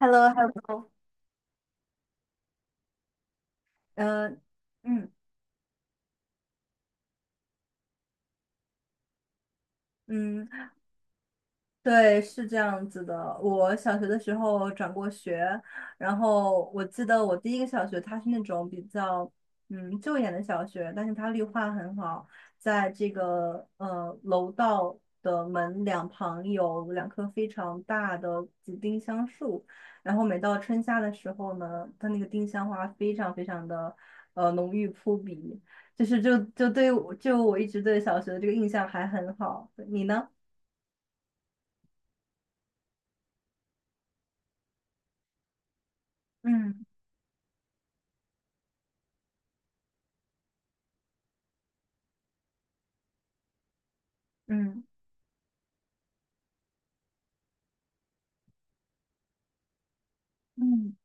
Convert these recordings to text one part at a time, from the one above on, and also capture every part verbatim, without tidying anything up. h e l l o h e l l o 嗯嗯，对，是这样子的。我小学的时候转过学，然后我记得我第一个小学，它是那种比较嗯旧一点的小学，但是它绿化很好，在这个呃楼道的门两旁有两棵非常大的紫丁香树，然后每到春夏的时候呢，它那个丁香花非常非常的呃浓郁扑鼻，就是就就对我就我一直对小学的这个印象还很好。你呢？嗯嗯。嗯，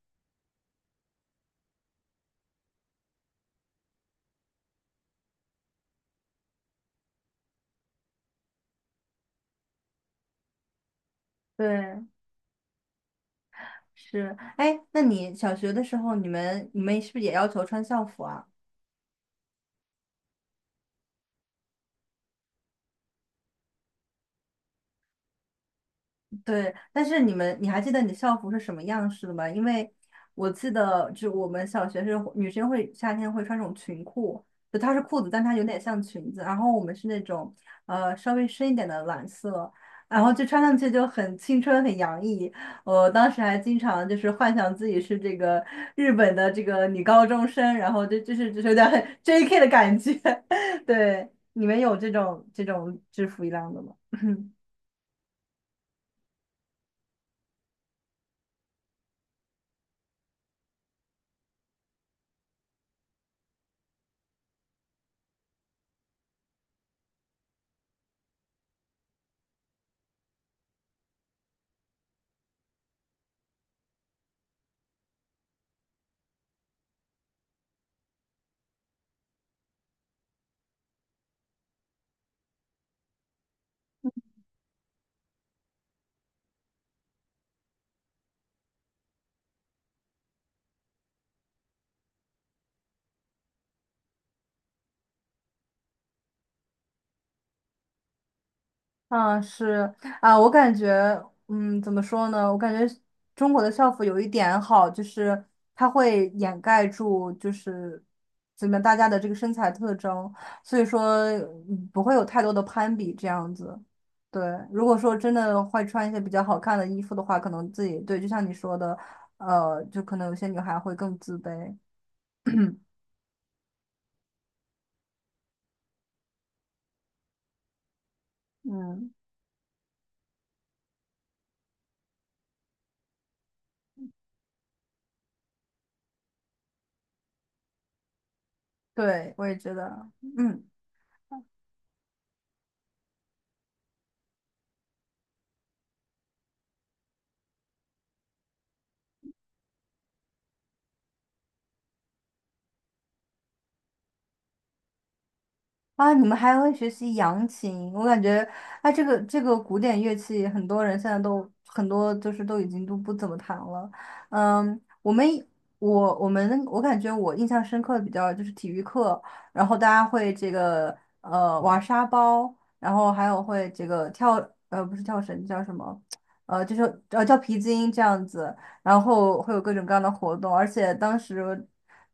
对，是。哎，那你小学的时候，你们你们是不是也要求穿校服啊？对，但是你们，你还记得你的校服是什么样式的吗？因为我记得，就我们小学是女生会夏天会穿这种裙裤，就它是裤子，但它有点像裙子。然后我们是那种呃稍微深一点的蓝色，然后就穿上去就很青春很洋溢。我当时还经常就是幻想自己是这个日本的这个女高中生，然后就就是就是有点 J K 的感觉。对，你们有这种这种制服一样的吗？嗯，是啊，我感觉，嗯，怎么说呢？我感觉中国的校服有一点好，就是它会掩盖住，就是怎么大家的这个身材特征，所以说嗯不会有太多的攀比这样子。对，如果说真的会穿一些比较好看的衣服的话，可能自己对，就像你说的，呃，就可能有些女孩会更自卑。嗯，对，我也觉得，嗯。啊，你们还会学习扬琴，我感觉，哎，这个这个古典乐器，很多人现在都很多就是都已经都不怎么弹了。嗯，我们我我们我感觉我印象深刻的比较就是体育课，然后大家会这个呃玩沙包，然后还有会这个跳呃不是跳绳叫什么，呃就是呃跳皮筋这样子，然后会有各种各样的活动，而且当时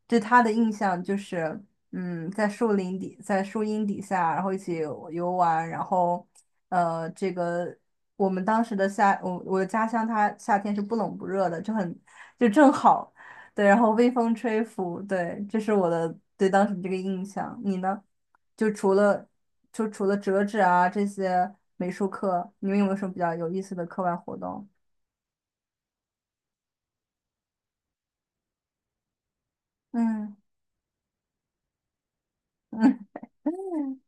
对他的印象就是。嗯，在树林底，在树荫底下，然后一起游玩，然后，呃，这个我们当时的夏，我我的家乡它夏天是不冷不热的，就很就正好，对，然后微风吹拂，对，这是我的对当时这个印象。你呢？就除了就除了折纸啊这些美术课，你们有没有什么比较有意思的课外活动？嗯嗯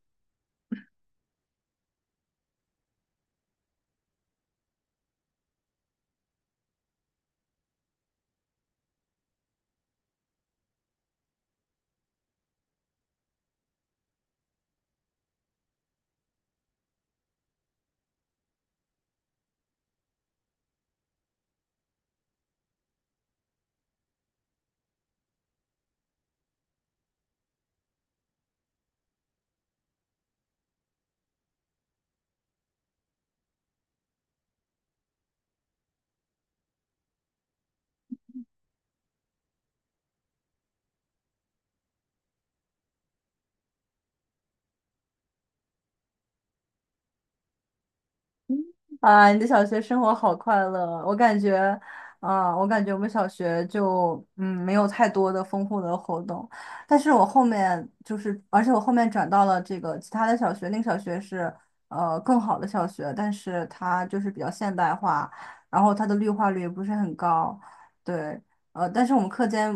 啊，你的小学生活好快乐！我感觉，啊，我感觉我们小学就嗯没有太多的丰富的活动，但是我后面就是，而且我后面转到了这个其他的小学，那个小学是呃更好的小学，但是它就是比较现代化，然后它的绿化率也不是很高，对，呃，但是我们课间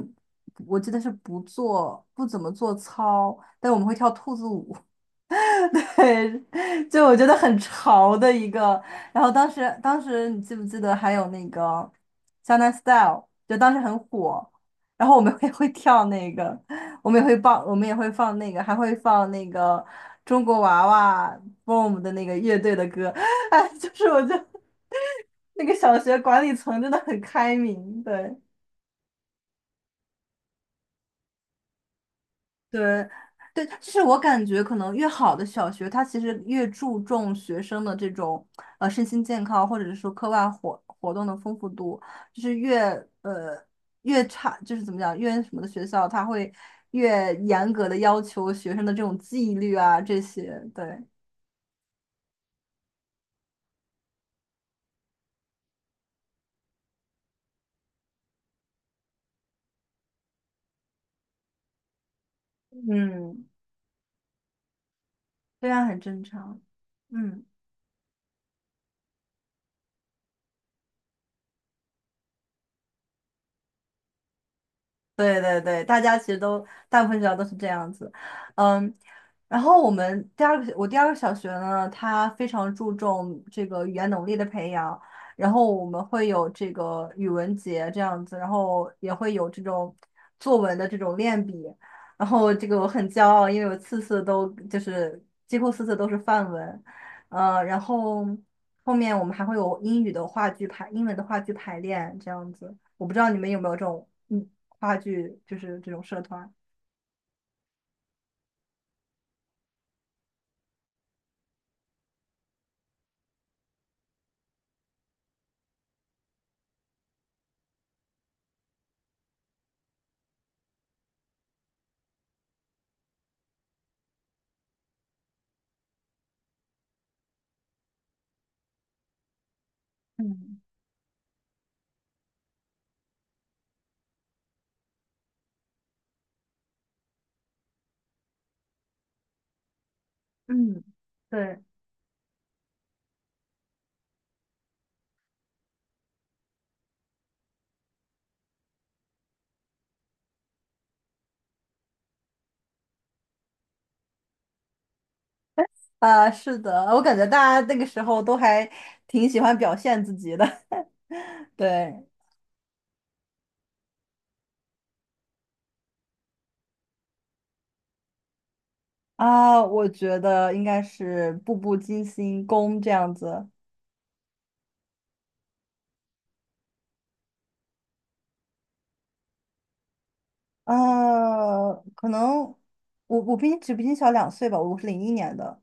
我记得是不做不怎么做操，但我们会跳兔子舞，对，就我觉得很潮的一个。然后当时，当时你记不记得还有那个《江南 Style》，就当时很火。然后我们也会跳那个，我们也会放，我们也会放那个，还会放那个中国娃娃 BOOM 的那个乐队的歌。哎，就是我觉得那个小学管理层真的很开明，对。对，对，就是我感觉可能越好的小学，它其实越注重学生的这种呃身心健康，或者是说课外活活动的丰富度，就是越呃越差，就是怎么讲，越什么的学校，它会越严格的要求学生的这种纪律啊这些，对，嗯，这样很正常，嗯。对对对，大家其实都大部分学校都是这样子，嗯，然后我们第二个我第二个小学呢，它非常注重这个语言能力的培养，然后我们会有这个语文节这样子，然后也会有这种作文的这种练笔，然后这个我很骄傲，因为我次次都就是几乎次次都是范文，呃，然后。后面我们还会有英语的话剧排，英文的话剧排练这样子。我不知道你们有没有这种嗯话剧，就是这种社团。嗯嗯，对，啊，是的，我感觉大家那个时候都还挺喜欢表现自己的。对啊，我觉得应该是《步步惊心宫》这样子。呃，可能我我比你只比你小两岁吧，我是零一年的。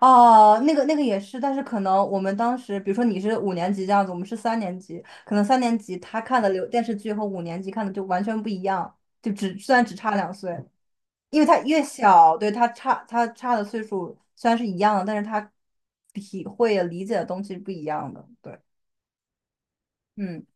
哦，那个那个也是，但是可能我们当时，比如说你是五年级这样子，我们是三年级，可能三年级他看的流电视剧和五年级看的就完全不一样，就只虽然只差两岁，因为他越小，对他差他差的岁数虽然是一样的，但是他体会理解的东西不一样的，对，嗯，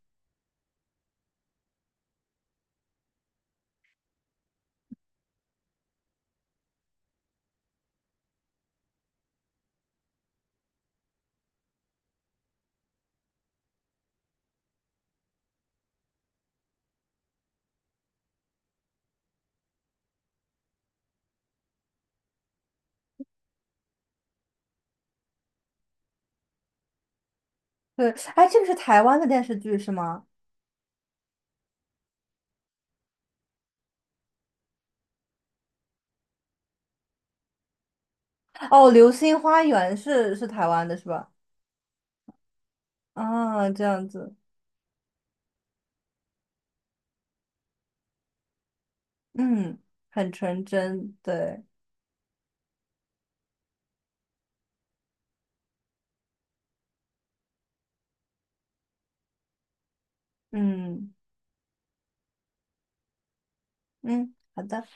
对，哎，这个是台湾的电视剧是吗？哦，《流星花园》是是台湾的是吧？啊，这样子，嗯，很纯真，对，嗯。嗯，好的。